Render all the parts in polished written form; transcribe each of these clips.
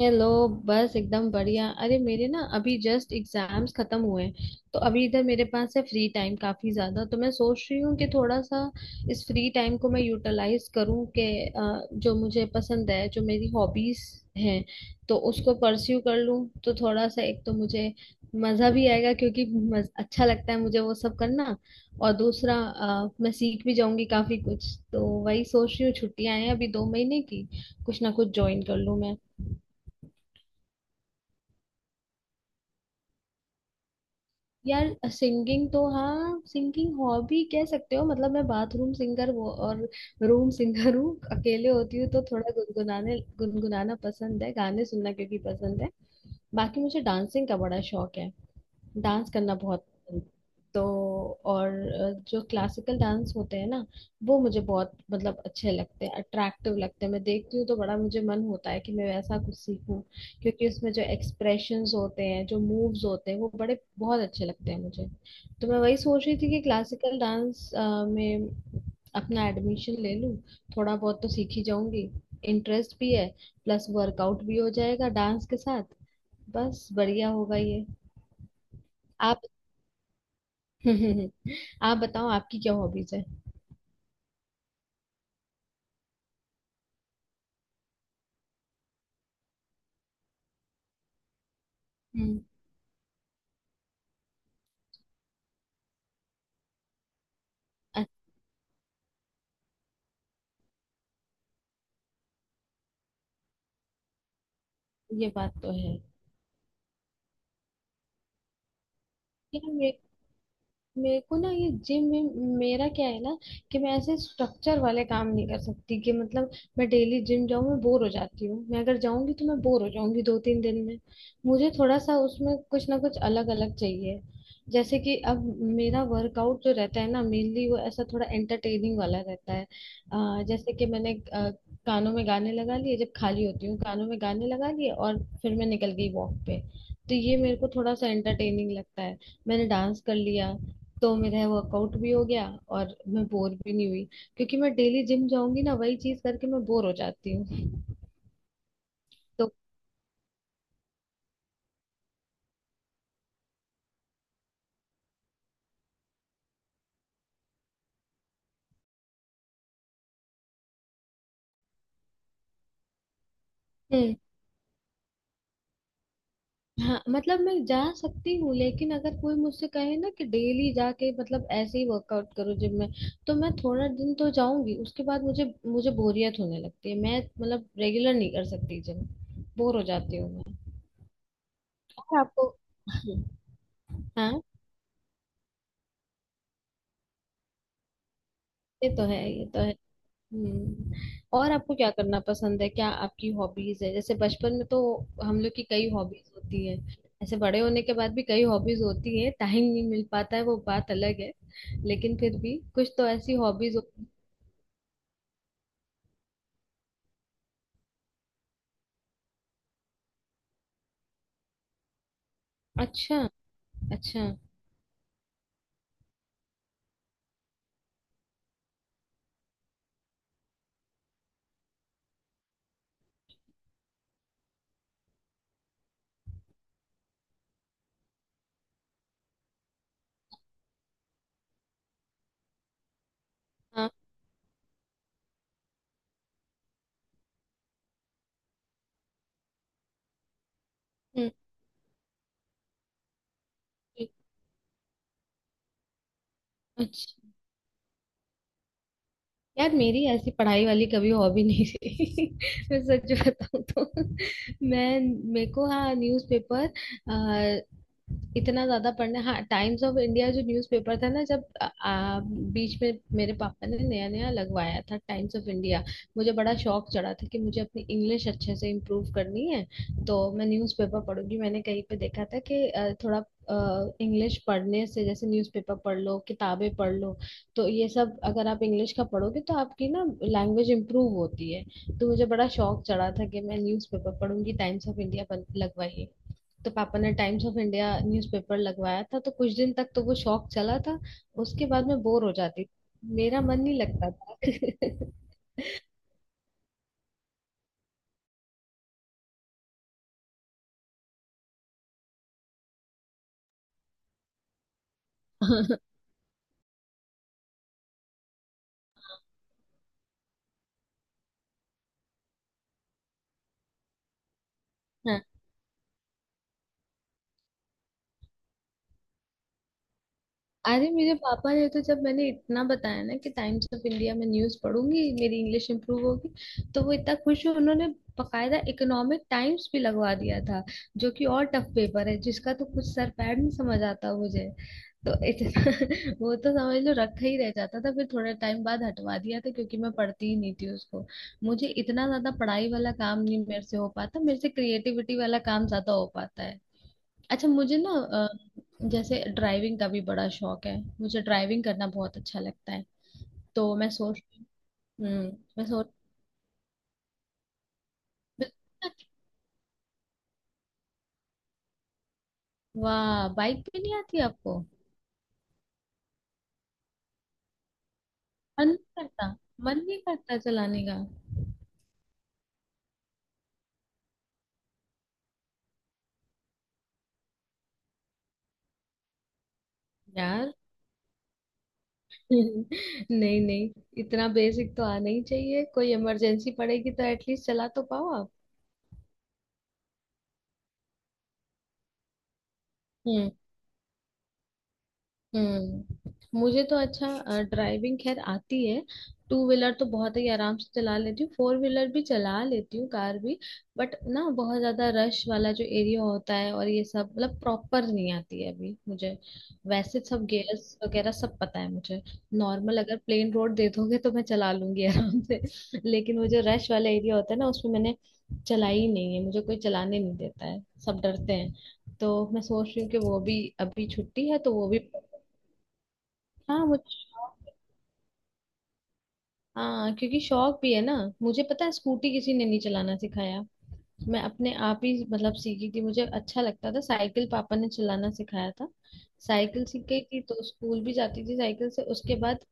Hello. बस एकदम बढ़िया, अरे मेरे ना अभी जस्ट एग्जाम्स खत्म हुए हैं। तो अभी इधर मेरे पास है फ्री टाइम काफी ज्यादा, तो मैं सोच रही हूँ कि थोड़ा सा इस फ्री टाइम को मैं यूटिलाइज करूँ कि जो मुझे पसंद है, जो मेरी हॉबीज हैं, तो उसको परस्यू कर लूँ। तो थोड़ा सा, एक तो मुझे मजा भी आएगा, क्योंकि अच्छा लगता है मुझे वो सब करना। और दूसरा मैं सीख भी जाऊंगी काफी कुछ। तो वही सोच रही हूँ, छुट्टियां हैं अभी 2 महीने की, कुछ ना कुछ ज्वाइन कर लूँ। यार सिंगिंग तो हाँ, सिंगिंग हॉबी कह सकते हो, मतलब मैं बाथरूम सिंगर, वो और रूम सिंगर हूँ। अकेले होती हूँ तो थोड़ा गुनगुनाने गुनगुनाना पसंद है, गाने सुनना क्योंकि पसंद है। बाकी मुझे डांसिंग का बड़ा शौक है, डांस करना बहुत पसंद। तो और जो क्लासिकल डांस होते हैं ना, वो मुझे बहुत, मतलब अच्छे लगते हैं, अट्रैक्टिव लगते हैं। मैं देखती हूँ तो बड़ा मुझे मन होता है कि मैं वैसा कुछ सीखूं, क्योंकि उसमें जो एक्सप्रेशंस होते हैं, जो मूव्स होते हैं, वो बड़े बहुत अच्छे लगते हैं मुझे। तो मैं वही सोच रही थी कि क्लासिकल डांस में अपना एडमिशन ले लूं। थोड़ा बहुत तो सीख ही जाऊंगी, इंटरेस्ट भी है, प्लस वर्कआउट भी हो जाएगा डांस के साथ। बस बढ़िया होगा ये। आप आप बताओ आपकी क्या हॉबीज है। हम्म। अच्छा, ये बात तो है। यार मेरे मेरे को ना ये जिम में, मेरा क्या है ना, कि मैं ऐसे स्ट्रक्चर वाले काम नहीं कर सकती। कि मतलब मैं डेली जिम जाऊँ, मैं बोर हो जाती हूँ। मैं अगर जाऊंगी तो मैं बोर हो जाऊंगी दो तीन दिन में। मुझे थोड़ा सा उसमें कुछ ना कुछ अलग अलग चाहिए। जैसे कि अब मेरा वर्कआउट जो रहता है ना, मेनली वो ऐसा थोड़ा एंटरटेनिंग वाला रहता है। जैसे कि मैंने कानों में गाने लगा लिए, जब खाली होती हूँ कानों में गाने लगा लिए और फिर मैं निकल गई वॉक पे। तो ये मेरे को थोड़ा सा एंटरटेनिंग लगता है। मैंने डांस कर लिया तो मेरा वर्कआउट भी हो गया, और मैं बोर भी नहीं हुई। क्योंकि मैं डेली जिम जाऊंगी ना वही चीज करके, मैं बोर हो जाती हूँ। तो। हम्म। हाँ, मतलब मैं जा सकती हूँ, लेकिन अगर कोई मुझसे कहे ना कि डेली जाके मतलब ऐसे ही वर्कआउट करो जिम में, तो मैं थोड़ा दिन तो जाऊंगी, उसके बाद मुझे मुझे बोरियत होने लगती है। मैं मतलब रेगुलर नहीं कर सकती जिम, बोर हो जाती हूँ। मैं आपको। हाँ, ये तो है, ये तो है। हम्म। और आपको क्या करना पसंद है, क्या आपकी हॉबीज है? जैसे बचपन में तो हम लोग की कई हॉबीज होती है, ऐसे बड़े होने के बाद भी कई हॉबीज होती है, टाइम नहीं मिल पाता है वो बात अलग है, लेकिन फिर भी कुछ तो ऐसी हॉबीज होती। अच्छा, अच्छा। हाँ। हम्म। अच्छा। यार मेरी ऐसी पढ़ाई वाली कभी हॉबी नहीं रही, मैं सच बताऊं तो। मैं मेरे को हाँ, न्यूज़पेपर इतना ज्यादा पढ़ना, हाँ टाइम्स ऑफ इंडिया जो न्यूज़पेपर था ना, जब आ, आ, बीच में मेरे पापा ने नया नया लगवाया था टाइम्स ऑफ इंडिया, मुझे बड़ा शौक चढ़ा था कि मुझे अपनी इंग्लिश अच्छे से इम्प्रूव करनी है, तो मैं न्यूज़पेपर पढ़ूंगी। मैंने कहीं पे देखा था कि थोड़ा इंग्लिश पढ़ने से, जैसे न्यूज़पेपर पढ़ लो किताबें पढ़ लो, तो ये सब अगर आप इंग्लिश का पढ़ोगे तो आपकी ना लैंग्वेज इम्प्रूव होती है। तो मुझे बड़ा शौक चढ़ा था कि मैं न्यूज़पेपर पढ़ूंगी, टाइम्स ऑफ इंडिया लगवाइए। तो पापा ने टाइम्स ऑफ इंडिया न्यूज़पेपर लगवाया था, तो कुछ दिन तक तो वो शौक चला था, उसके बाद मैं बोर हो जाती, मेरा मन नहीं लगता था। हाँ, अरे मेरे पापा ने तो, जब मैंने इतना बताया ना कि टाइम्स ऑफ इंडिया में न्यूज पढ़ूंगी मेरी इंग्लिश इंप्रूव होगी, तो वो इतना खुश हुए, उन्होंने बकायदा इकोनॉमिक टाइम्स भी लगवा दिया था, जो कि और टफ पेपर है, जिसका तो कुछ सर पैर नहीं समझ आता मुझे। तो इतना वो तो समझ लो रखा ही रह जाता था, फिर थोड़ा टाइम बाद हटवा दिया था, क्योंकि मैं पढ़ती ही नहीं थी उसको। मुझे इतना ज्यादा पढ़ाई वाला काम नहीं मेरे से हो पाता, मेरे से क्रिएटिविटी वाला काम ज्यादा हो पाता है। अच्छा, मुझे ना जैसे ड्राइविंग का भी बड़ा शौक है, मुझे ड्राइविंग करना बहुत अच्छा लगता है। तो मैं सोच। हम्म। मैं सोच। वाह, बाइक भी नहीं आती आपको? मन नहीं करता, मन नहीं करता चलाने का? यार नहीं नहीं, इतना बेसिक तो आना ही चाहिए, कोई इमरजेंसी पड़ेगी तो एटलीस्ट चला तो पाओ। आप। हम्म। मुझे तो अच्छा ड्राइविंग खैर आती है, टू व्हीलर तो बहुत ही आराम से चला लेती हूँ, फोर व्हीलर भी चला लेती हूँ, कार भी। बट ना बहुत ज्यादा रश वाला जो एरिया होता है और ये सब, मतलब प्रॉपर नहीं आती है अभी मुझे। वैसे सब गियर्स वगैरह सब पता है मुझे, नॉर्मल अगर प्लेन रोड दे दोगे तो मैं चला लूंगी आराम से। लेकिन वो जो रश वाला एरिया होता है ना, उसमें मैंने चलाई ही नहीं है, मुझे कोई चलाने नहीं देता है, सब डरते हैं। तो मैं सोच रही हूँ कि वो भी, अभी छुट्टी है तो वो भी। हाँ मुझे शौक, हाँ क्योंकि शौक भी है ना। मुझे पता है, स्कूटी किसी ने नहीं चलाना सिखाया, मैं अपने आप ही मतलब सीखी थी, मुझे अच्छा लगता था। साइकिल पापा ने चलाना सिखाया था, साइकिल सीख गई थी तो स्कूल भी जाती थी साइकिल से। उसके बाद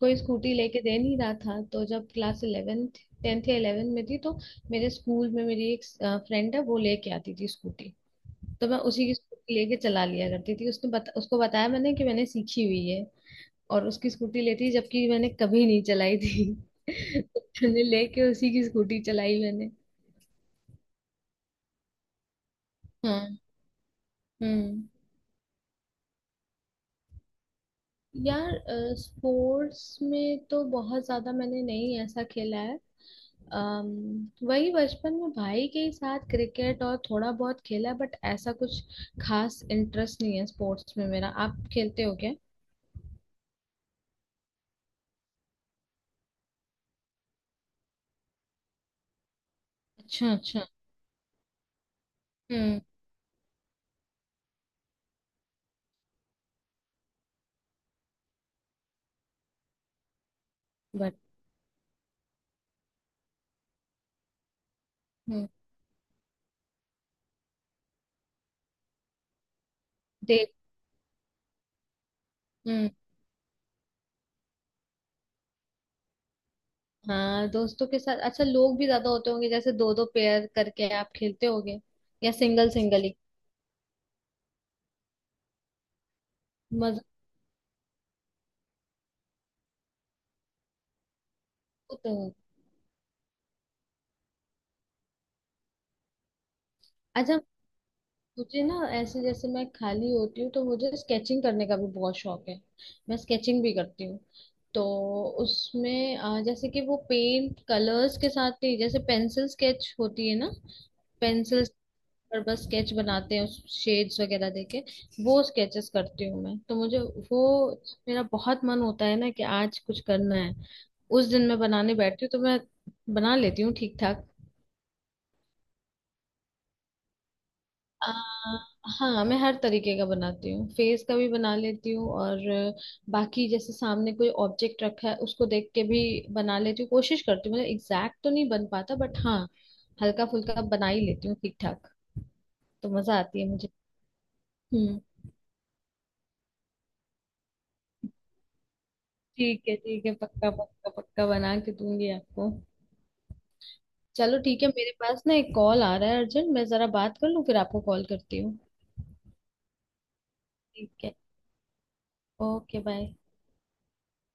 कोई स्कूटी लेके दे नहीं रहा था, तो जब क्लास इलेवेंथ, टेंथ या इलेवेंथ में थी, तो मेरे स्कूल में मेरी एक फ्रेंड है, वो लेके आती थी स्कूटी, तो मैं उसी की स्कूटी लेके चला लिया करती थी। उसको बताया मैंने कि मैंने सीखी हुई है, और उसकी स्कूटी लेती, जबकि मैंने कभी नहीं चलाई थी। तो मैंने लेके उसी की स्कूटी चलाई मैंने। हाँ। हम्म। यार स्पोर्ट्स में तो बहुत ज्यादा मैंने नहीं ऐसा खेला है, वही बचपन में भाई के ही साथ क्रिकेट और थोड़ा बहुत खेला है, बट ऐसा कुछ खास इंटरेस्ट नहीं है स्पोर्ट्स में मेरा। आप खेलते हो क्या? अच्छा, अच्छा। हम्म। बट। हम्म। देख। हम्म। हाँ दोस्तों के साथ, अच्छा लोग भी ज्यादा होते होंगे, जैसे दो दो पेयर करके आप खेलते होगे या सिंगल सिंगल ही। मजा। वो तो है। अच्छा, मुझे ना ऐसे जैसे मैं खाली होती हूँ तो मुझे स्केचिंग करने का भी बहुत शौक है, मैं स्केचिंग भी करती हूँ। तो उसमें जैसे कि वो पेंट कलर्स के साथ नहीं, जैसे पेंसिल स्केच होती है ना, पेंसिल पर बस स्केच बनाते हैं, उस शेड्स वगैरह देके वो स्केचेस करती हूँ मैं। तो मुझे वो, मेरा बहुत मन होता है ना कि आज कुछ करना है, उस दिन मैं बनाने बैठती हूँ, तो मैं बना लेती हूँ ठीक ठाक। आ, हाँ मैं हर तरीके का बनाती हूँ, फेस का भी बना लेती हूँ, और बाकी जैसे सामने कोई ऑब्जेक्ट रखा है उसको देख के भी बना लेती हूँ, कोशिश करती हूँ, मतलब एग्जैक्ट तो नहीं बन पाता, बट हाँ हल्का फुल्का बना ही लेती हूँ ठीक ठाक। तो मजा आती है मुझे। हम्म। ठीक है ठीक है, पक्का पक्का पक्का बना के दूंगी आपको। चलो ठीक है, मेरे पास ना एक कॉल आ रहा है अर्जेंट, मैं जरा बात कर लूँ फिर आपको कॉल करती हूँ। ठीक है। Okay bye.